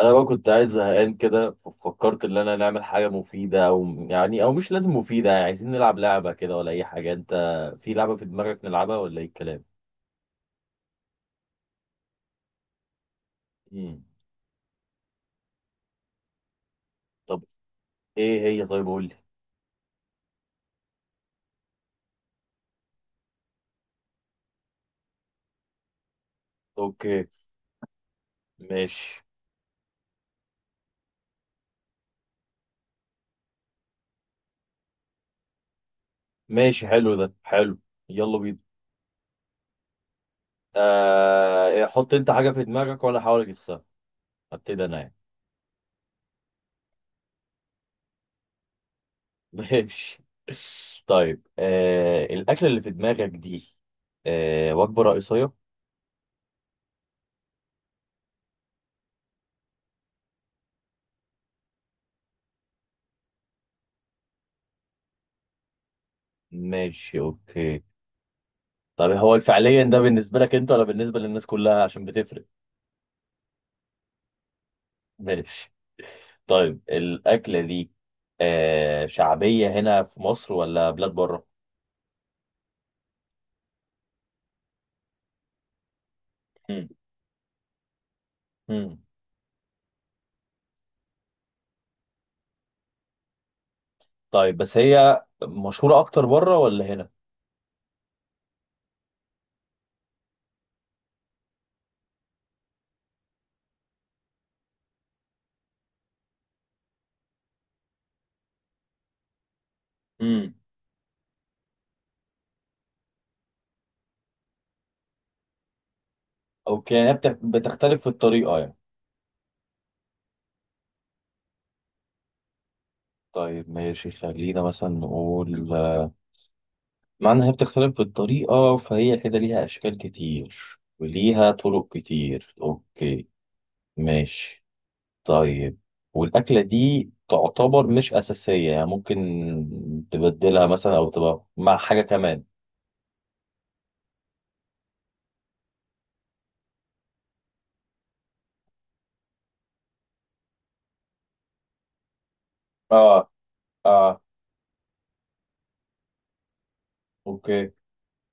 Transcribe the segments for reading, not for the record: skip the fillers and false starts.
انا بقى كنت قاعد زهقان كده، ففكرت ان انا نعمل حاجه مفيده. او مش لازم مفيده، يعني عايزين نلعب لعبه كده ولا اي حاجه. انت في لعبه في دماغك نلعبها ولا ايه الكلام؟ امم. طب ايه هي، طيب قول لي. اوكي. ماشي ماشي، حلو ده حلو. يلا بينا. آه إيه، حط انت حاجه في دماغك وانا احاول اجسها. هبتدي انا يعني. ماشي. طيب الاكله اللي في دماغك دي وجبه رئيسيه. ماشي اوكي. طب هو فعليا ده بالنسبة لك انت ولا بالنسبة للناس كلها عشان بتفرق. ماشي. طيب الأكلة دي شعبية هنا في مصر ولا بلاد بره؟ مم. مم. طيب بس هي مشهورة أكتر بره ولا هنا؟ مم. أوكي، يعني هي بتختلف في الطريقة يعني. طيب ماشي، خلينا مثلا نقول معنى إن هي بتختلف في الطريقة، فهي كده ليها أشكال كتير وليها طرق كتير. أوكي ماشي. طيب، والأكلة دي تعتبر مش أساسية، يعني ممكن تبدلها مثلا أو تبقى مع حاجة كمان. آه. آه. أوكي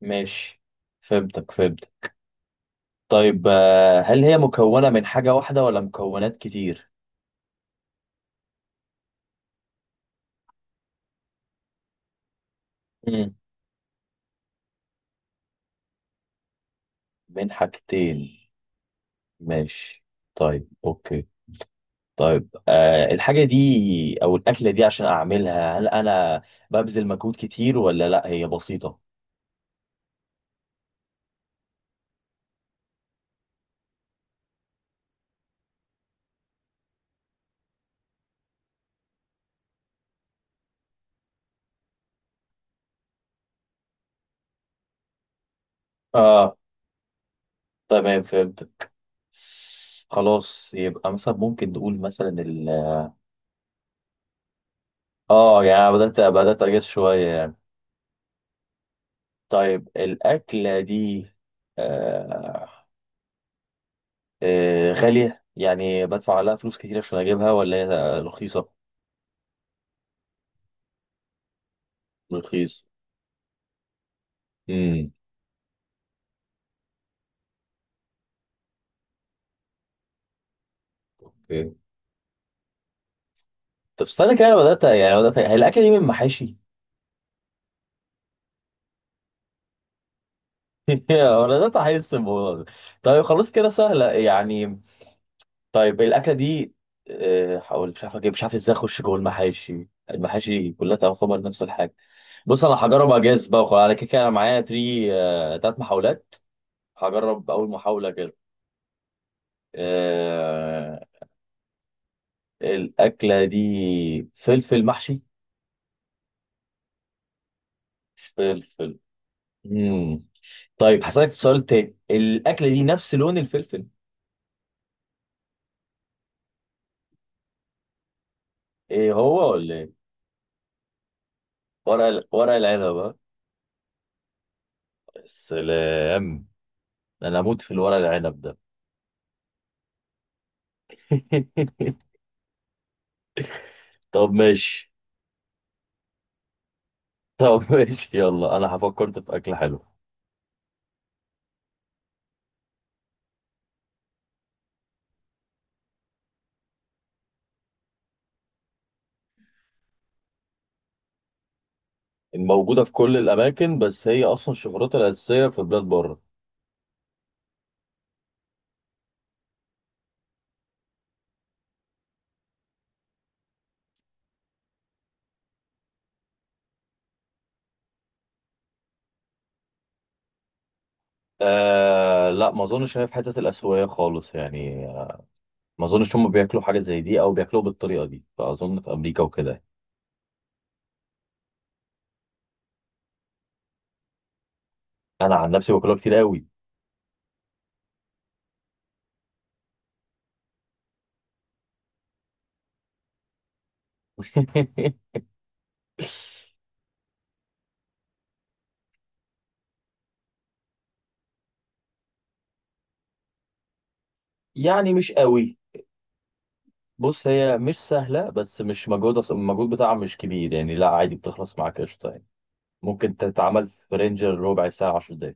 ماشي، فهمتك فهمتك. طيب هل هي مكونة من حاجة واحدة ولا مكونات كتير؟ مم. من حاجتين. ماشي. طيب أوكي. طيب الحاجة دي أو الأكلة دي، عشان أعملها هل أنا ببذل مجهود كتير ولا لأ هي بسيطة؟ آه. تمام فهمت. خلاص، يبقى مثلا ممكن نقول مثلا ال. اه يعني أنا بدأت أجس شوية يعني. طيب الأكلة دي آه غالية، يعني بدفع لها فلوس كتير عشان أجيبها ولا هي رخيصة؟ رخيص. امم. اوكي. طب استنى كده، أنا بدأت، يعني بدأت، هي الأكلة دي من محاشي؟ أنا بدأت أحس الموضوع ده. طيب خلاص كده سهلة يعني. طيب الأكلة دي، هقول مش عارف أجيب، مش عارف إزاي أخش جوه المحاشي، المحاشي كلها تعتبر نفس الحاجة. بص انا هجرب اجاز بقى، وخلاص انا كده كده انا معايا 3 تلات محاولات. هجرب اول محاوله كده. آه... الاكله دي فلفل محشي. فلفل. مم. طيب هسألك سؤال تاني، الاكله دي نفس لون الفلفل؟ ايه هو ولا ايه؟ ورق العنب ها؟ يا سلام، انا اموت في الورق العنب ده. طب ماشي. طب ماشي يلا، انا فكرت في اكله حلوه. موجوده في كل الاماكن بس هي اصلا شهرتها الاساسيه في بلاد بره. آه لا، ما اظنش ان هي في حته الاسيويه خالص يعني، ما اظنش هم بياكلوا حاجه زي دي او بياكلوها بالطريقه دي، فاظن في امريكا وكده. انا عن نفسي باكلها كتير قوي. يعني مش قوي. بص هي مش سهله، بس مش مجهود، المجهود بتاعها مش كبير يعني، لا عادي بتخلص معاك قشطه يعني، ممكن تتعمل في رينجر ربع ساعه 10 دقايق.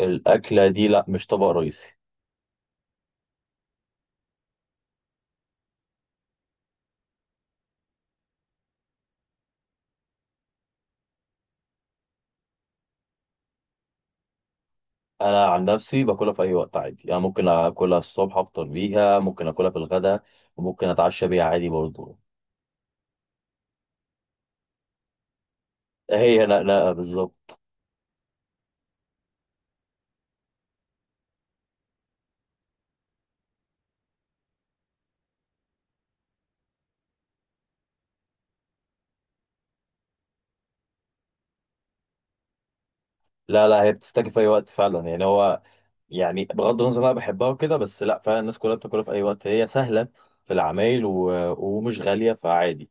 الاكله دي لا مش طبق رئيسي. انا عن نفسي باكلها في اي وقت عادي، انا ممكن اكلها الصبح افطر بيها، ممكن اكلها في الغداء، وممكن اتعشى بيها عادي برضه. هي نقنقة بالظبط. لا لا، هي بتفتكر في اي وقت فعلا يعني، هو يعني بغض النظر انا بحبها وكده، بس لا فعلا الناس كلها بتاكلها في اي وقت، هي سهلة في العمايل و... ومش غالية فعادي.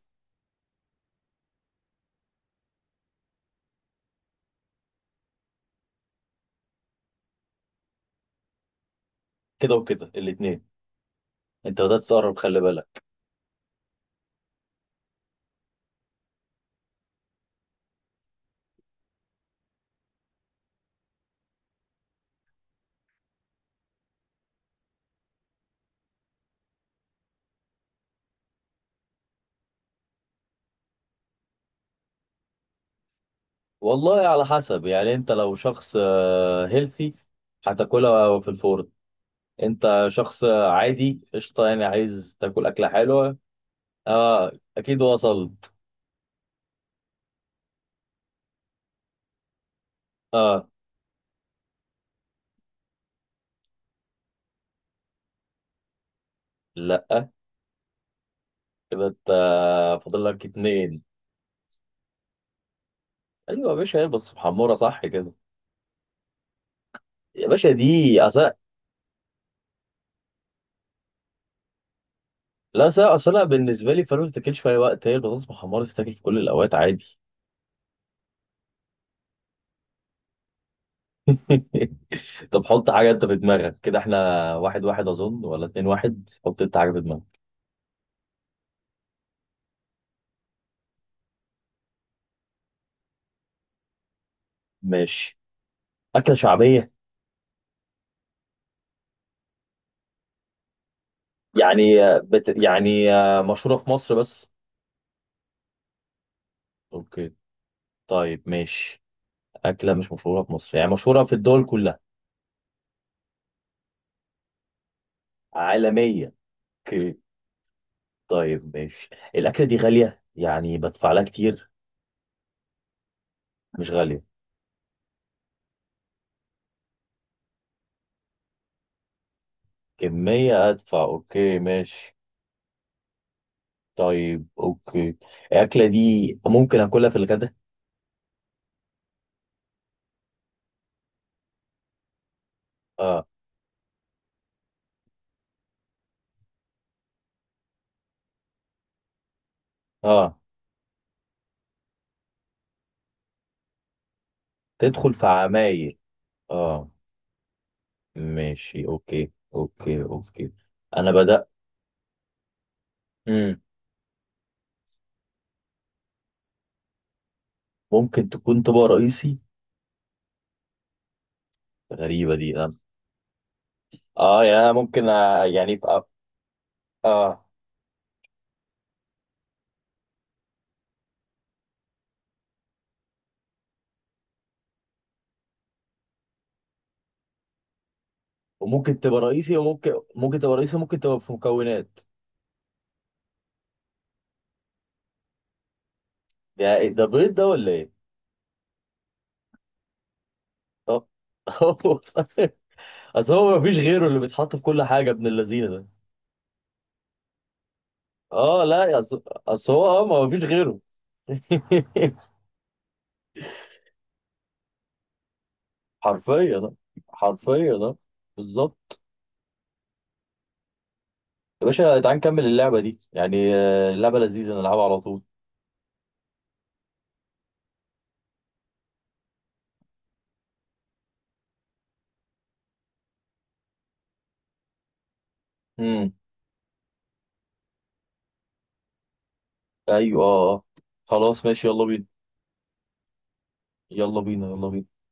كده وكده الاتنين، انت بدأت تقرب خلي بالك. والله على حسب، يعني انت لو شخص هيلثي هتاكلها في الفرن. انت شخص عادي قشطة، يعني عايز تاكل أكلة حلوة. اه اكيد وصلت. اه لا، كده انت فاضل لك اتنين. ايوه يا باشا، هي بس محمره صح كده؟ يا باشا دي اصل. لا اصل أنا بالنسبه لي فلوس تاكل في اي وقت، هي البطاطس محمره تتاكل في كل الاوقات عادي. طب حط حاجه انت في دماغك كده، احنا واحد واحد اظن ولا اتنين، واحد حط انت حاجه في دماغك. ماشي. اكله شعبيه. يعني يعني مشهوره في مصر بس. اوكي. طيب ماشي. اكله مش مشهوره في مصر، يعني مشهوره في الدول كلها. عالميه. اوكي. طيب ماشي. الاكله دي غاليه يعني بدفع لها كتير. مش غاليه. كمية أدفع أوكي ماشي. طيب أوكي. الأكلة دي ممكن أكلها في الغداء؟ آه. آه تدخل في عمايل. آه ماشي أوكي أوكي أوكي. أنا بدأ. مم. ممكن تكون طبق رئيسي. غريبة دي أنا. يعني أنا ممكن يعني في آه. وممكن تبقى رئيسي، وممكن تبقى رئيسي، ممكن تبقى في مكونات. ده إيه ده، بيض ده ولا إيه؟ آه. هو صح. أصل هو مفيش غيره اللي بيتحط في كل حاجة ابن اللذينة ده. اه لا يا اصل، أصل هو ما هو فيش غيره. حرفيا ده حرفيا ده. بالظبط. يا باشا تعال نكمل اللعبه دي يعني، اللعبه لذيذه نلعبها على طول. امم. ايوه اه آه. خلاص ماشي يلا بينا. يلا بينا يلا بينا.